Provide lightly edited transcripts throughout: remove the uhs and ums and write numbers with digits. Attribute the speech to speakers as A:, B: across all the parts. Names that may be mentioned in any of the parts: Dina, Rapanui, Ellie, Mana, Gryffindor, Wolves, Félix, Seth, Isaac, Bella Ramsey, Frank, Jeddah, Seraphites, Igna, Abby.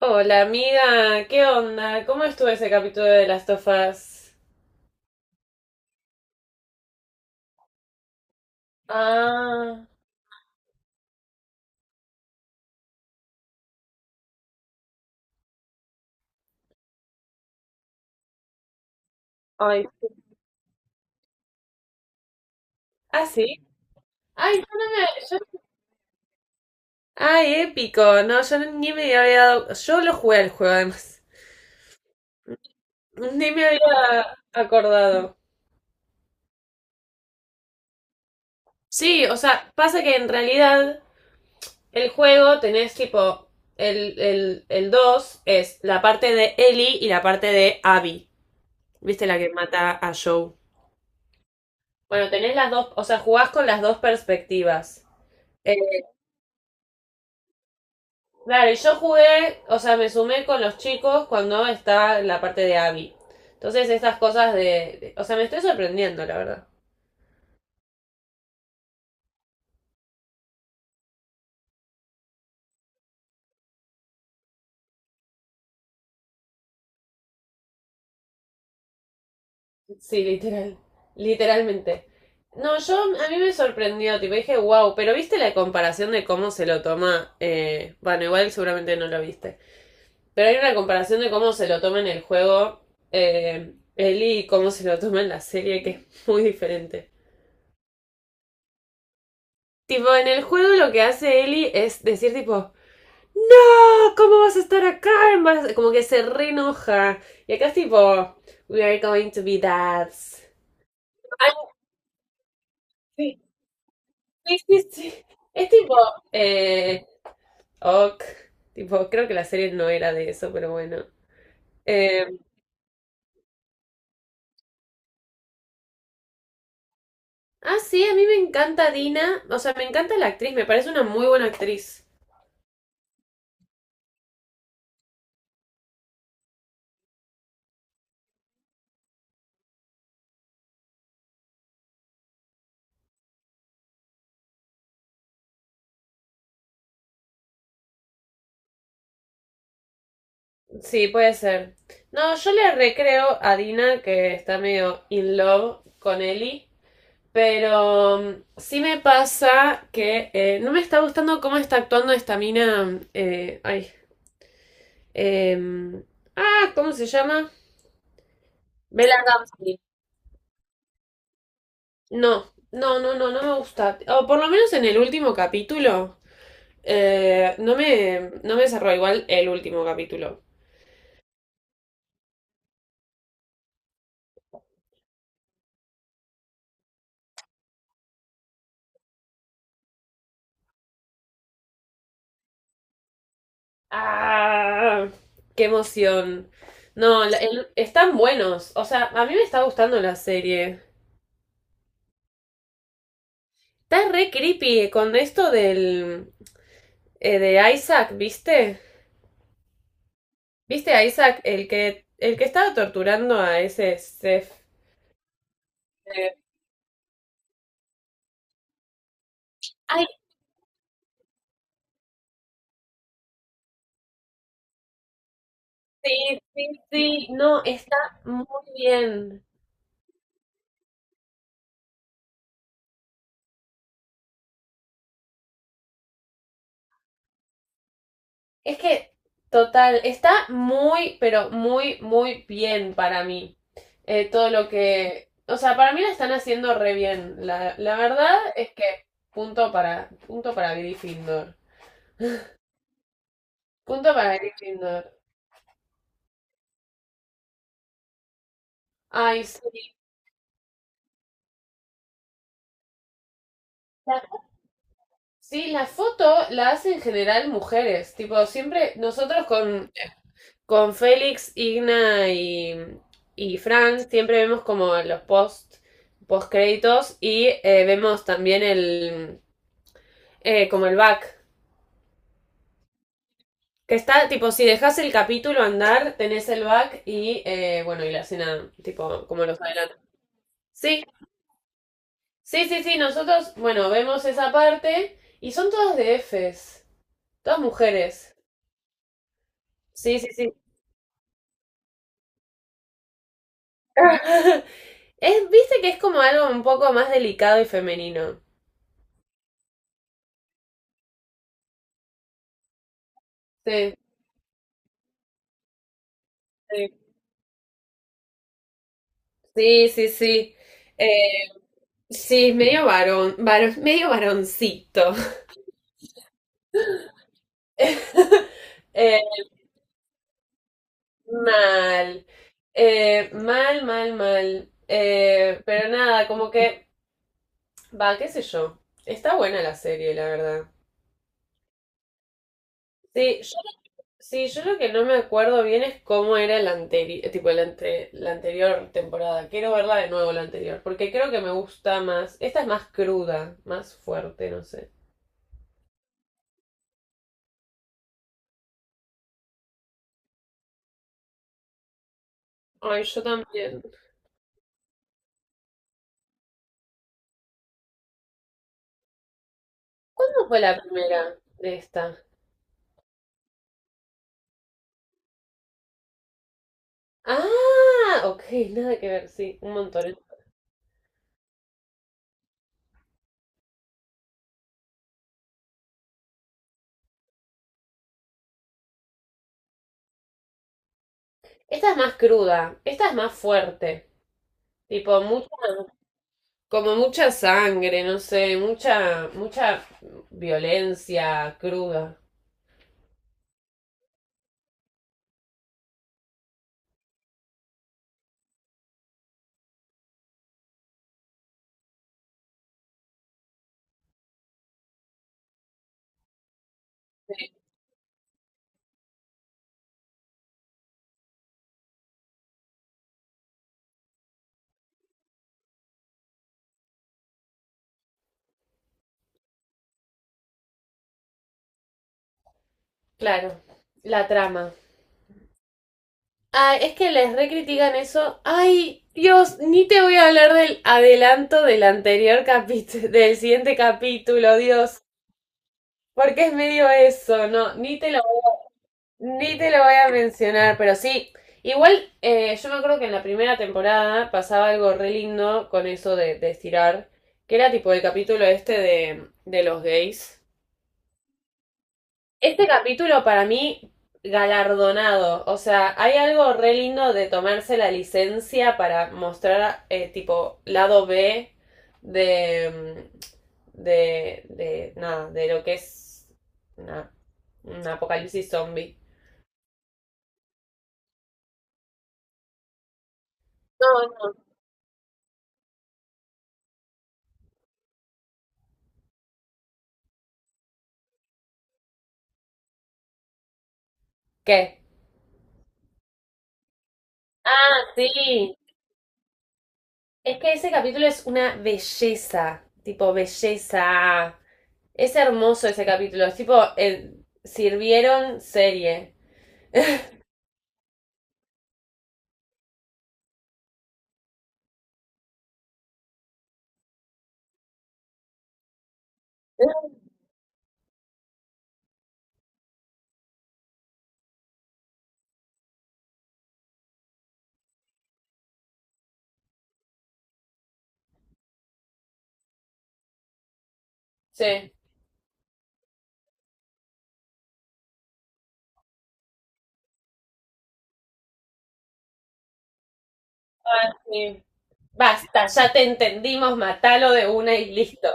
A: Hola amiga, ¿qué onda? ¿Cómo estuvo ese capítulo de las tofas? Ah, ay, sí. Ah, sí. Ay, yo no me. Ay, épico. No, yo ni me había dado. Yo lo jugué al juego, además. Ni me había acordado. Sí, o sea, pasa que en realidad el juego tenés tipo. El 2 es la parte de Ellie y la parte de Abby. ¿Viste la que mata a Joe? Bueno, tenés las dos. O sea, jugás con las dos perspectivas. Claro, y yo jugué, o sea, me sumé con los chicos cuando estaba en la parte de Abby. Entonces, estas cosas de, o sea, me estoy sorprendiendo, la verdad. Sí, literal. Literalmente. No, yo. A mí me sorprendió, tipo, dije, wow. Pero viste la comparación de cómo se lo toma. Bueno, igual seguramente no lo viste. Pero hay una comparación de cómo se lo toma en el juego, Ellie, y cómo se lo toma en la serie, que es muy diferente. Tipo, en el juego lo que hace Ellie es decir, tipo, no, ¿cómo vas a estar acá? Como que se re enoja. Y acá es tipo, we are going to be dads. Ay, sí, sí, sí, sí. Es tipo, eh, ok. Tipo, creo que la serie no era de eso, pero bueno. Eh, ah, sí, a mí me encanta Dina. O sea, me encanta la actriz, me parece una muy buena actriz. Sí, puede ser. No, yo le recreo a Dina que está medio in love con Ellie. Pero sí me pasa que no me está gustando cómo está actuando esta mina. Ay. em, ah, ¿cómo se llama? Bella Ramsey. No, no, no, no, no me gusta. O por lo menos en el último capítulo. No me cerró igual el último capítulo. ¡Ah! ¡Qué emoción! No, están buenos. O sea, a mí me está gustando la serie. Está re creepy con esto del, de Isaac, ¿viste? ¿Viste a Isaac, el que estaba torturando a ese Seth? Eh, Ay, sí, sí, sí, no, está muy bien. Es que, total, está muy, pero muy, muy bien para mí. Todo lo que... O sea, para mí la están haciendo re bien. La verdad es que punto para Gryffindor. Punto para Gryffindor. Ay, sí, sí, la foto la hacen en general mujeres. Tipo, siempre nosotros con, Félix, Igna y Frank siempre vemos como los post créditos y vemos también el como el back. Que está, tipo, si dejas el capítulo andar, tenés el back y bueno, y la escena, tipo, como los adelantos. Sí, sí, sí, sí, nosotros, bueno, vemos esa parte y son todas de Fs, todas mujeres. Sí, sí, sí. Es, viste que es como algo un poco más delicado y femenino. Sí, sí. Sí, sí, sí. Eh, sí, es medio varón, medio varoncito. Eh, mal. Mal, mal, mal. Pero nada, como que, va, qué sé yo. Está buena la serie, la verdad. Sí, yo Sí, yo lo que no me acuerdo bien es cómo era el anterior, tipo la anterior temporada. Quiero verla de nuevo la anterior, porque creo que me gusta más. Esta es más cruda, más fuerte, no sé. Ay, yo también. ¿Cuándo fue la primera de esta? Ah, ok, nada que ver, sí, un montón. Esta es más cruda, esta es más fuerte. Tipo, mucha, como mucha sangre, no sé, mucha violencia cruda. Claro, la trama. Ay, es que les recritican eso. Ay, Dios, ni te voy a hablar del adelanto del anterior capítulo, del siguiente capítulo, Dios. Porque es medio eso, no, ni te lo voy a mencionar, pero sí. Igual, yo me acuerdo que en la primera temporada pasaba algo re lindo con eso de estirar, que era tipo el capítulo este de los gays. Este capítulo para mí galardonado, o sea, hay algo re lindo de tomarse la licencia para mostrar tipo lado B de, de nada, de lo que es una, un apocalipsis zombie. No, no. ¿Qué? Ah, sí. Es que ese capítulo es una belleza, tipo belleza. Es hermoso ese capítulo, es tipo el sirvieron serie. Sí. Ah, sí. Basta, ya te entendimos, matalo de una y listo.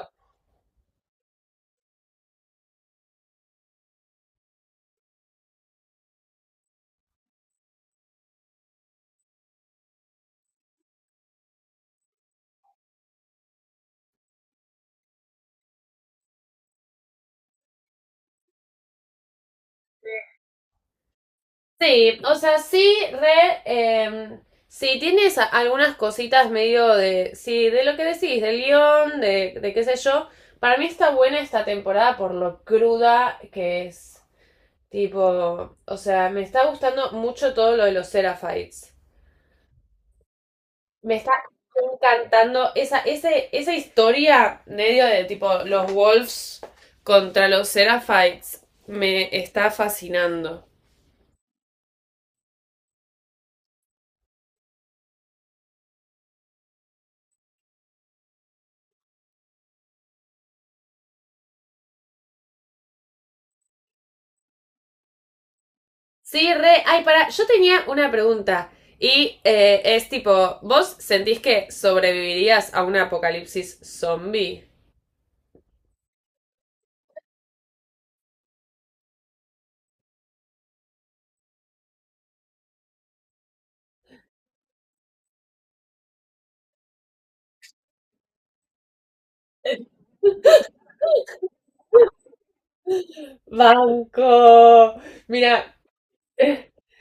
A: Sí, o sea, sí, re. em, sí, tienes algunas cositas medio de. Sí, de lo que decís, del guión, de qué sé yo. Para mí está buena esta temporada por lo cruda que es. Tipo, o sea, me está gustando mucho todo lo de los Seraphites. Me está encantando esa, ese, esa historia medio de tipo los Wolves contra los Seraphites. Me está fascinando. Sí, re. Ay, para. Yo tenía una pregunta. Y es tipo, ¿vos sentís que sobrevivirías a un apocalipsis zombie? Banco. Mira,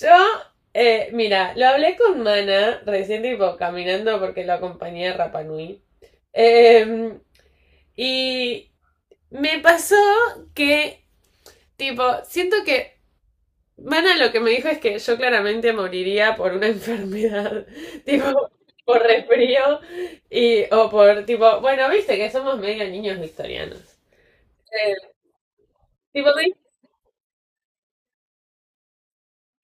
A: yo, mira, lo hablé con Mana recién tipo caminando porque lo acompañé a Rapanui. Y me pasó que, tipo, siento que Mana lo que me dijo es que yo claramente moriría por una enfermedad, tipo, por resfrío y, o por, tipo, bueno, viste que somos medio niños victorianos. Eh, tipo, me dijo,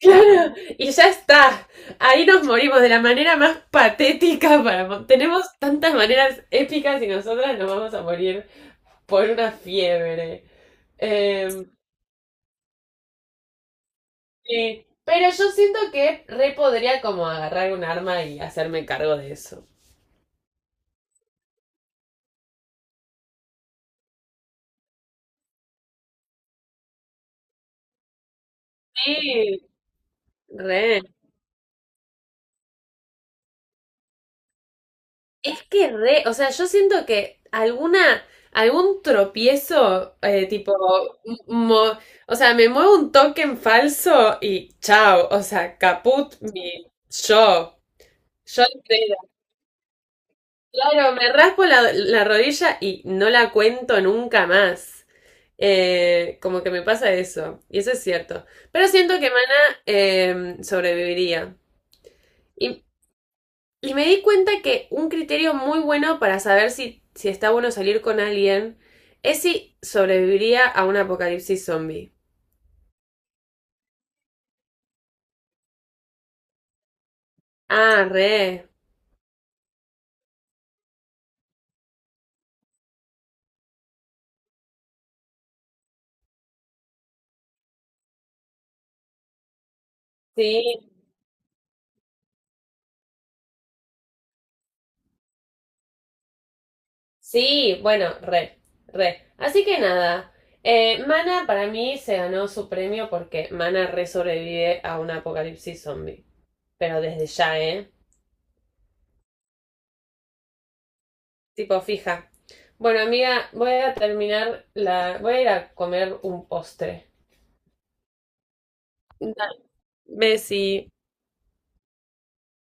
A: claro, y ya está, ahí nos morimos de la manera más patética para... Tenemos tantas maneras épicas y nosotras nos vamos a morir por una fiebre. Em, Sí, pero yo siento que re podría como agarrar un arma y hacerme cargo de eso. Sí, re. Es que re, o sea, yo siento que alguna, algún tropiezo, tipo, mo- o sea, me muevo un token falso y chao, o sea, caput mi yo, yo entera. Claro, me raspo la rodilla y no la cuento nunca más. Como que me pasa eso, y eso es cierto. Pero siento que Mana sobreviviría. Y, y me di cuenta que un criterio muy bueno para saber si está bueno salir con alguien es si sobreviviría a un apocalipsis zombie. Ah, re. Sí, sí, bueno, re, re. Así que nada, Mana para mí se ganó su premio porque Mana re sobrevive a un apocalipsis zombie. Pero desde ya, ¿eh? Tipo, fija. Bueno, amiga, voy a terminar la. Voy a ir a comer un postre. Dale. Bessie.